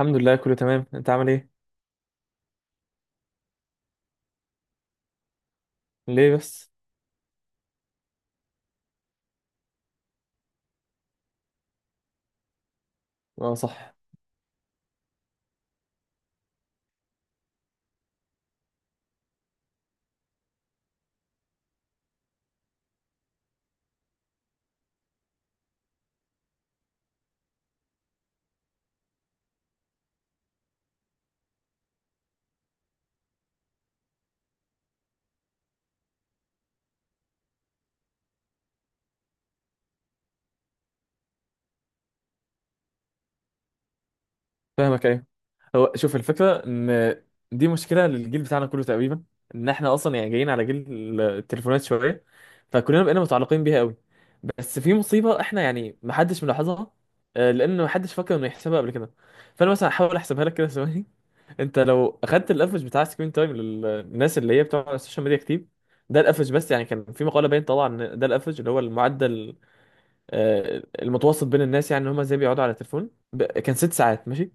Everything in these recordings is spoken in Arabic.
الحمد لله كله تمام، انت عامل ايه؟ ليه بس. اه صح. فاهمك، ايوه. هو شوف، الفكره ان دي مشكله للجيل بتاعنا كله تقريبا. ان احنا اصلا يعني جايين على جيل التليفونات شويه، فكلنا بقينا متعلقين بيها قوي. بس في مصيبه احنا يعني محدش ملاحظها، لان محدش فكر انه يحسبها قبل كده. فانا مثلا هحاول احسبها لك كده ثواني. انت لو اخدت الافرج بتاع سكرين تايم للناس اللي هي بتوع السوشيال ميديا كتير، ده الافرج بس. يعني كان في مقاله باين طالعه ان ده الافرج اللي هو المعدل، المتوسط بين الناس، يعني ان هم ازاي بيقعدوا على التليفون كان ست ساعات ماشي.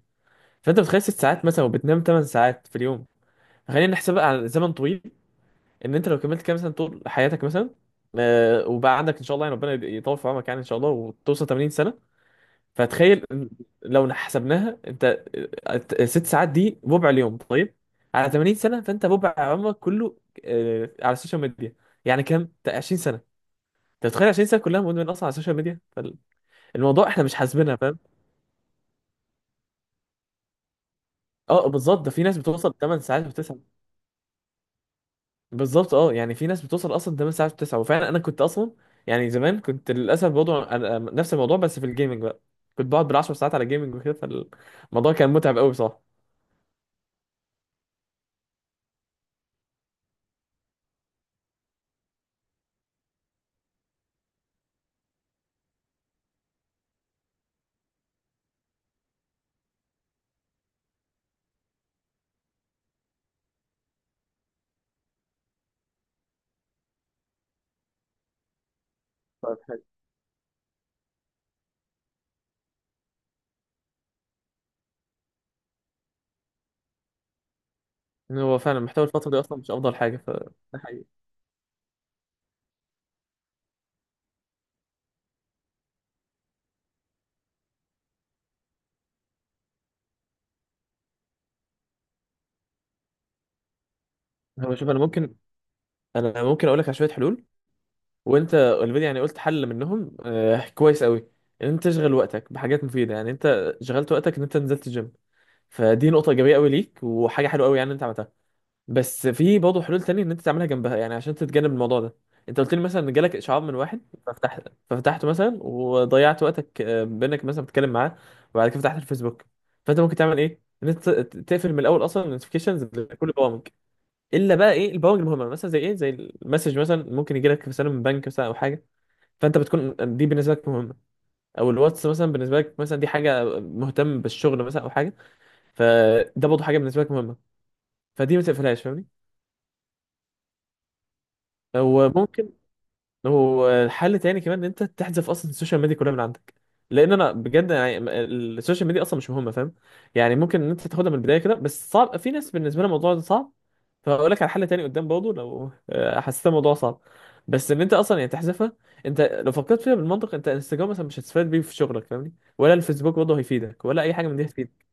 فانت بتخيل ست ساعات مثلا وبتنام 8 ساعات في اليوم. فخلينا نحسبها على زمن طويل، ان انت لو كملت كام سنه طول حياتك مثلا، وبقى عندك ان شاء الله، يعني ربنا يطول في عمرك، يعني ان شاء الله وتوصل 80 سنه. فتخيل إن لو حسبناها انت، ست ساعات دي ربع اليوم، طيب على 80 سنه، فانت ربع عمرك كله على السوشيال ميديا، يعني كام 20 سنه. انت بتخيل 20 سنه كلها مدمن اصلا على السوشيال ميديا الموضوع احنا مش حاسبينها. اه بالظبط، ده في ناس بتوصل 8 ساعات و9. بالظبط، اه يعني في ناس بتوصل اصلا 8 ساعات و9، وفعلا انا كنت اصلا يعني زمان كنت للاسف برضه أنا نفس الموضوع بس في الجيمنج بقى. كنت بقعد بال10 ساعات على جيمنج وكده، فالموضوع كان متعب قوي بصراحه. طيب، حلو. هو فعلا محتوى الفتره دي اصلا مش افضل حاجه ف ده، حقيقي. هو شوف، انا ممكن اقول لك على شويه حلول، وانت اوريدي يعني قلت حل منهم، آه كويس قوي. ان انت تشغل وقتك بحاجات مفيده، يعني انت شغلت وقتك ان انت نزلت الجيم، فدي نقطه ايجابيه قوي ليك وحاجه حلوه قوي يعني انت عملتها. بس في برضه حلول تانية ان انت تعملها جنبها، يعني عشان تتجنب الموضوع ده. انت قلت لي مثلا ان جالك اشعار من واحد ففتحت ففتحته مثلا وضيعت وقتك، بانك مثلا بتتكلم معاه، وبعد كده فتحت الفيسبوك. فانت ممكن تعمل ايه؟ ان انت تقفل من الاول اصلا النوتيفيكيشنز لكل البرامج، الا بقى ايه؟ البرامج المهمه مثلا، زي ايه؟ زي المسج مثلا، ممكن يجي لك رساله من بنك مثلا او حاجه، فانت بتكون دي بالنسبه لك مهمه. او الواتس مثلا بالنسبه لك، مثلا دي حاجه مهتم بالشغل مثلا او حاجه، فده برضه حاجه بالنسبه لك مهمه، فدي ما تقفلهاش، فاهمني؟ وممكن والحل تاني كمان ان انت تحذف اصلا السوشيال ميديا كلها من عندك، لان انا بجد يعني السوشيال ميديا اصلا مش مهمه، فاهم؟ يعني ممكن ان انت تاخدها من البدايه كده، بس صعب في ناس بالنسبه لها الموضوع ده صعب. فهقول لك على حل تاني قدام برضه، لو حسيت الموضوع صعب، بس ان انت اصلا يعني تحذفها. انت لو فكرت فيها بالمنطق، انت انستجرام مثلا مش هتستفاد بيه في شغلك، فاهمني؟ ولا الفيسبوك برضه هيفيدك، ولا اي حاجه من دي هتفيدك.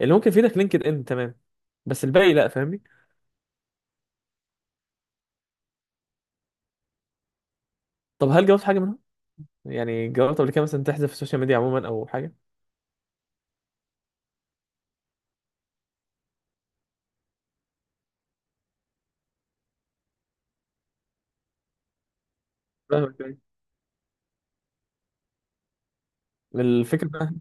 اللي ممكن يفيدك لينكد ان، تمام، بس الباقي لا، فاهمني؟ طب هل جربت حاجه منهم؟ يعني جربت قبل كده مثلا تحذف السوشيال ميديا عموما او حاجه؟ فاهمك. الفكرة بقى،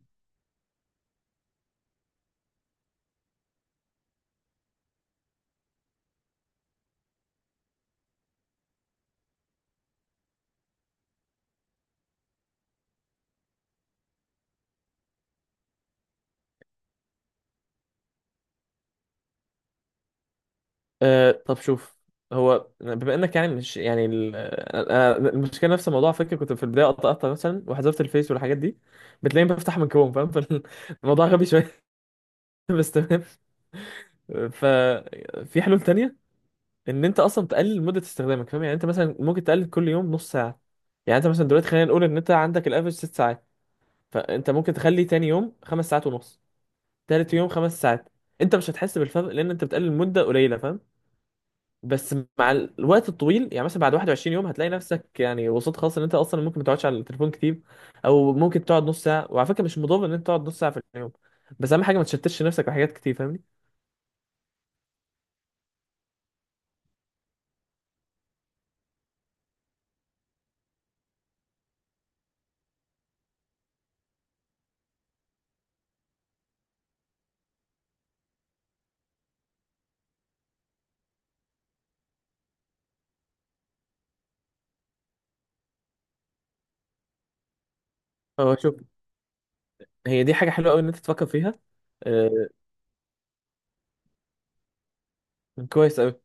آه طب شوف، هو بما انك يعني مش يعني أنا المشكله نفس الموضوع على فكره، كنت في البدايه قطعتها مثلا وحذفت الفيس والحاجات دي، بتلاقيني بفتح من كروم، فاهم؟ فالموضوع غبي شويه. بس تمام. ففي حلول تانية، ان انت اصلا تقلل مده استخدامك، فاهم؟ يعني انت مثلا ممكن تقلل كل يوم نص ساعه. يعني انت مثلا دلوقتي خلينا نقول ان انت عندك الافرج ست ساعات، فانت ممكن تخلي تاني يوم خمس ساعات ونص، تالت يوم خمس ساعات. انت مش هتحس بالفرق لان انت بتقلل مده قليله، فاهم؟ بس مع الوقت الطويل، يعني مثلا بعد 21 يوم هتلاقي نفسك يعني وصلت خلاص ان انت اصلا ممكن ما تقعدش على التليفون كتير، او ممكن تقعد نص ساعه. وعلى فكره مش مضر ان انت تقعد نص ساعه في اليوم، بس اهم حاجه ما تشتتش نفسك بحاجات كتير، فاهمني؟ هو شوف، هي دي حاجه حلوه قوي ان انت تفكر فيها، آه، كويس قوي.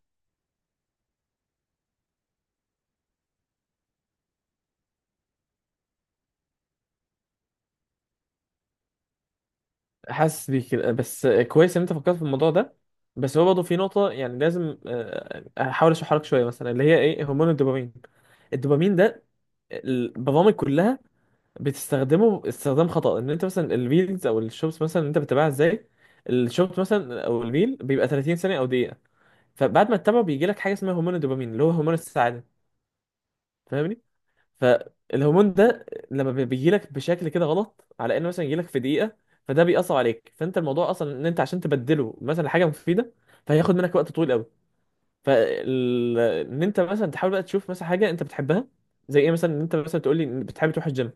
حاسس بيك كده. بس كويس ان انت فكرت في الموضوع ده. بس هو برضه في نقطه يعني لازم احاول اشرحها لك شويه، مثلا اللي هي ايه؟ هرمون الدوبامين. الدوبامين ده البرامج كلها بتستخدمه استخدام خطأ. ان انت مثلا الريلز او الشوبس مثلا اللي انت بتتابعها ازاي، الشوبس مثلا او الريل بيبقى 30 ثانية او دقيقة، فبعد ما تتابعه بيجي لك حاجة اسمها هرمون الدوبامين، اللي هو هرمون السعادة، فاهمني؟ فالهرمون ده لما بيجي لك بشكل كده غلط، على انه مثلا يجي لك في دقيقة، فده بيأثر عليك. فانت الموضوع اصلا ان انت عشان تبدله مثلا حاجة مفيدة، فهياخد منك وقت طويل قوي. فال، ان انت مثلا تحاول بقى تشوف مثلا حاجة انت بتحبها، زي ايه مثلا؟ ان انت مثلا تقول لي بتحب تروح الجيم،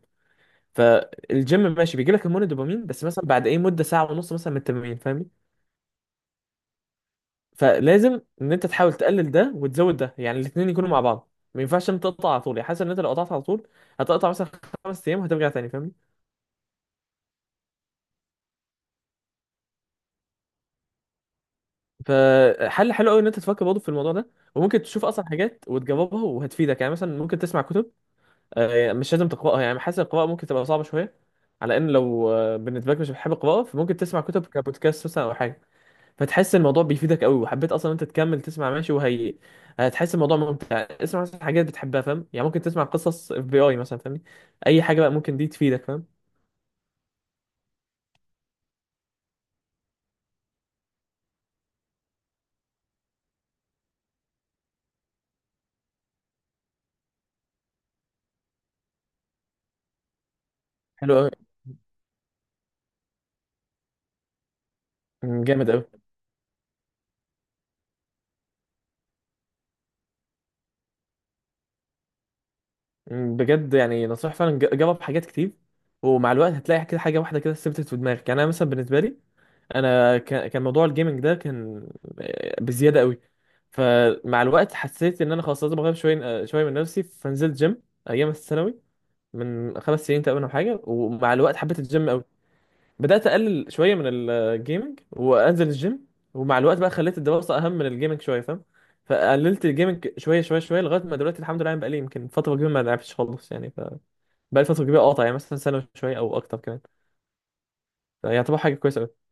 فالجيم ماشي بيجي لك هرمون الدوبامين، بس مثلا بعد ايه؟ مده ساعه ونص مثلا من التمرين، فاهمني؟ فلازم ان انت تحاول تقلل ده وتزود ده، يعني الاثنين يكونوا مع بعض، ما ينفعش انت تقطع على طول. يعني حاسس ان انت لو قطعت على طول هتقطع مثلا خمس ايام وهترجع تاني، فاهمني؟ فحل حلو قوي ان انت تفكر برضه في الموضوع ده. وممكن تشوف اصلا حاجات وتجربها وهتفيدك. يعني مثلا ممكن تسمع كتب، مش لازم تقراها، يعني حاسس القراءه ممكن تبقى صعبه شويه، على ان لو بالنسبه لك مش بتحب القراءه، فممكن تسمع كتب كبودكاست مثلا او حاجه، فتحس الموضوع بيفيدك قوي. وحبيت اصلا انت تكمل تسمع، ماشي؟ وهي هتحس الموضوع ممتع. اسمع مثلا حاجات بتحبها، فاهم؟ يعني ممكن تسمع قصص اف بي اي مثلا، فاهمني؟ اي حاجه بقى ممكن دي تفيدك، فاهم؟ حلو قوي. جامد قوي. بجد يعني نصيحه فعلا، جرب حاجات كتير، ومع الوقت هتلاقي كده حاجه واحده كده ثبتت في دماغك. يعني انا مثلا بالنسبه لي، انا كان موضوع الجيمنج ده كان بزياده قوي. فمع الوقت حسيت ان انا خلاص لازم اغير شويه، شويه من نفسي، فنزلت جيم ايام الثانوي، من خمس سنين تقريبا او حاجه. ومع الوقت حبيت الجيم قوي، بدات اقلل شويه من الجيمنج وانزل الجيم. ومع الوقت بقى خليت الدراسه اهم من الجيمنج شويه، فاهم؟ فقللت الجيمنج شويه شويه شويه لغايه ما دلوقتي الحمد لله، يعني بقالي يمكن فتره كبيره ما لعبتش خالص. يعني ف، بقالي فتره كبيره قاطع، يعني مثلا سنه شويه او اكتر كمان، يعني يعتبر حاجه كويسه قوي.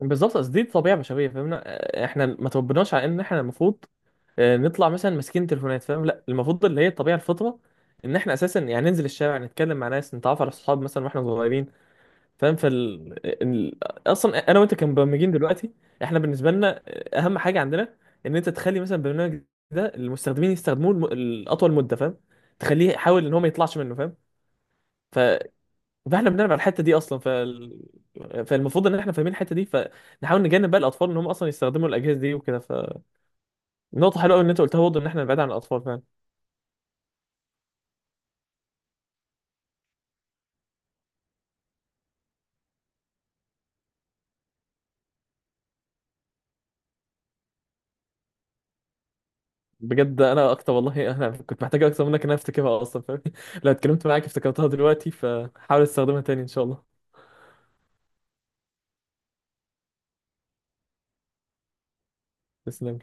بالظبط، اصل دي طبيعه بشريه، فاهمنا؟ احنا ما تربناش على ان احنا المفروض نطلع مثلا ماسكين تليفونات، فاهم؟ لا المفروض اللي هي الطبيعه الفطره، ان احنا اساسا يعني ننزل الشارع، نتكلم مع ناس، نتعرف على اصحاب مثلا واحنا صغيرين، فاهم؟ اصلا انا وانت كمبرمجين دلوقتي، احنا بالنسبه لنا اهم حاجه عندنا ان انت تخلي مثلا البرنامج ده المستخدمين يستخدموه الاطول مده، فاهم؟ تخليه، حاول ان هو ما يطلعش منه، فاهم؟ ف... فاحنا بنلعب على الحته دي اصلا، فالمفروض ان احنا فاهمين الحته دي، فنحاول نجنب بقى الاطفال ان هم اصلا يستخدموا الاجهزه دي وكده. فنقطه حلوه قوي ان انت قلتها برضه، ان احنا نبعد عن الاطفال، فاهم؟ بجد انا اكتر، والله انا كنت محتاج اكتر منك ان انا افتكرها اصلا، فاهم؟ لو اتكلمت معاك افتكرتها دلوقتي، فحاول استخدمها تاني ان شاء الله. تسلم.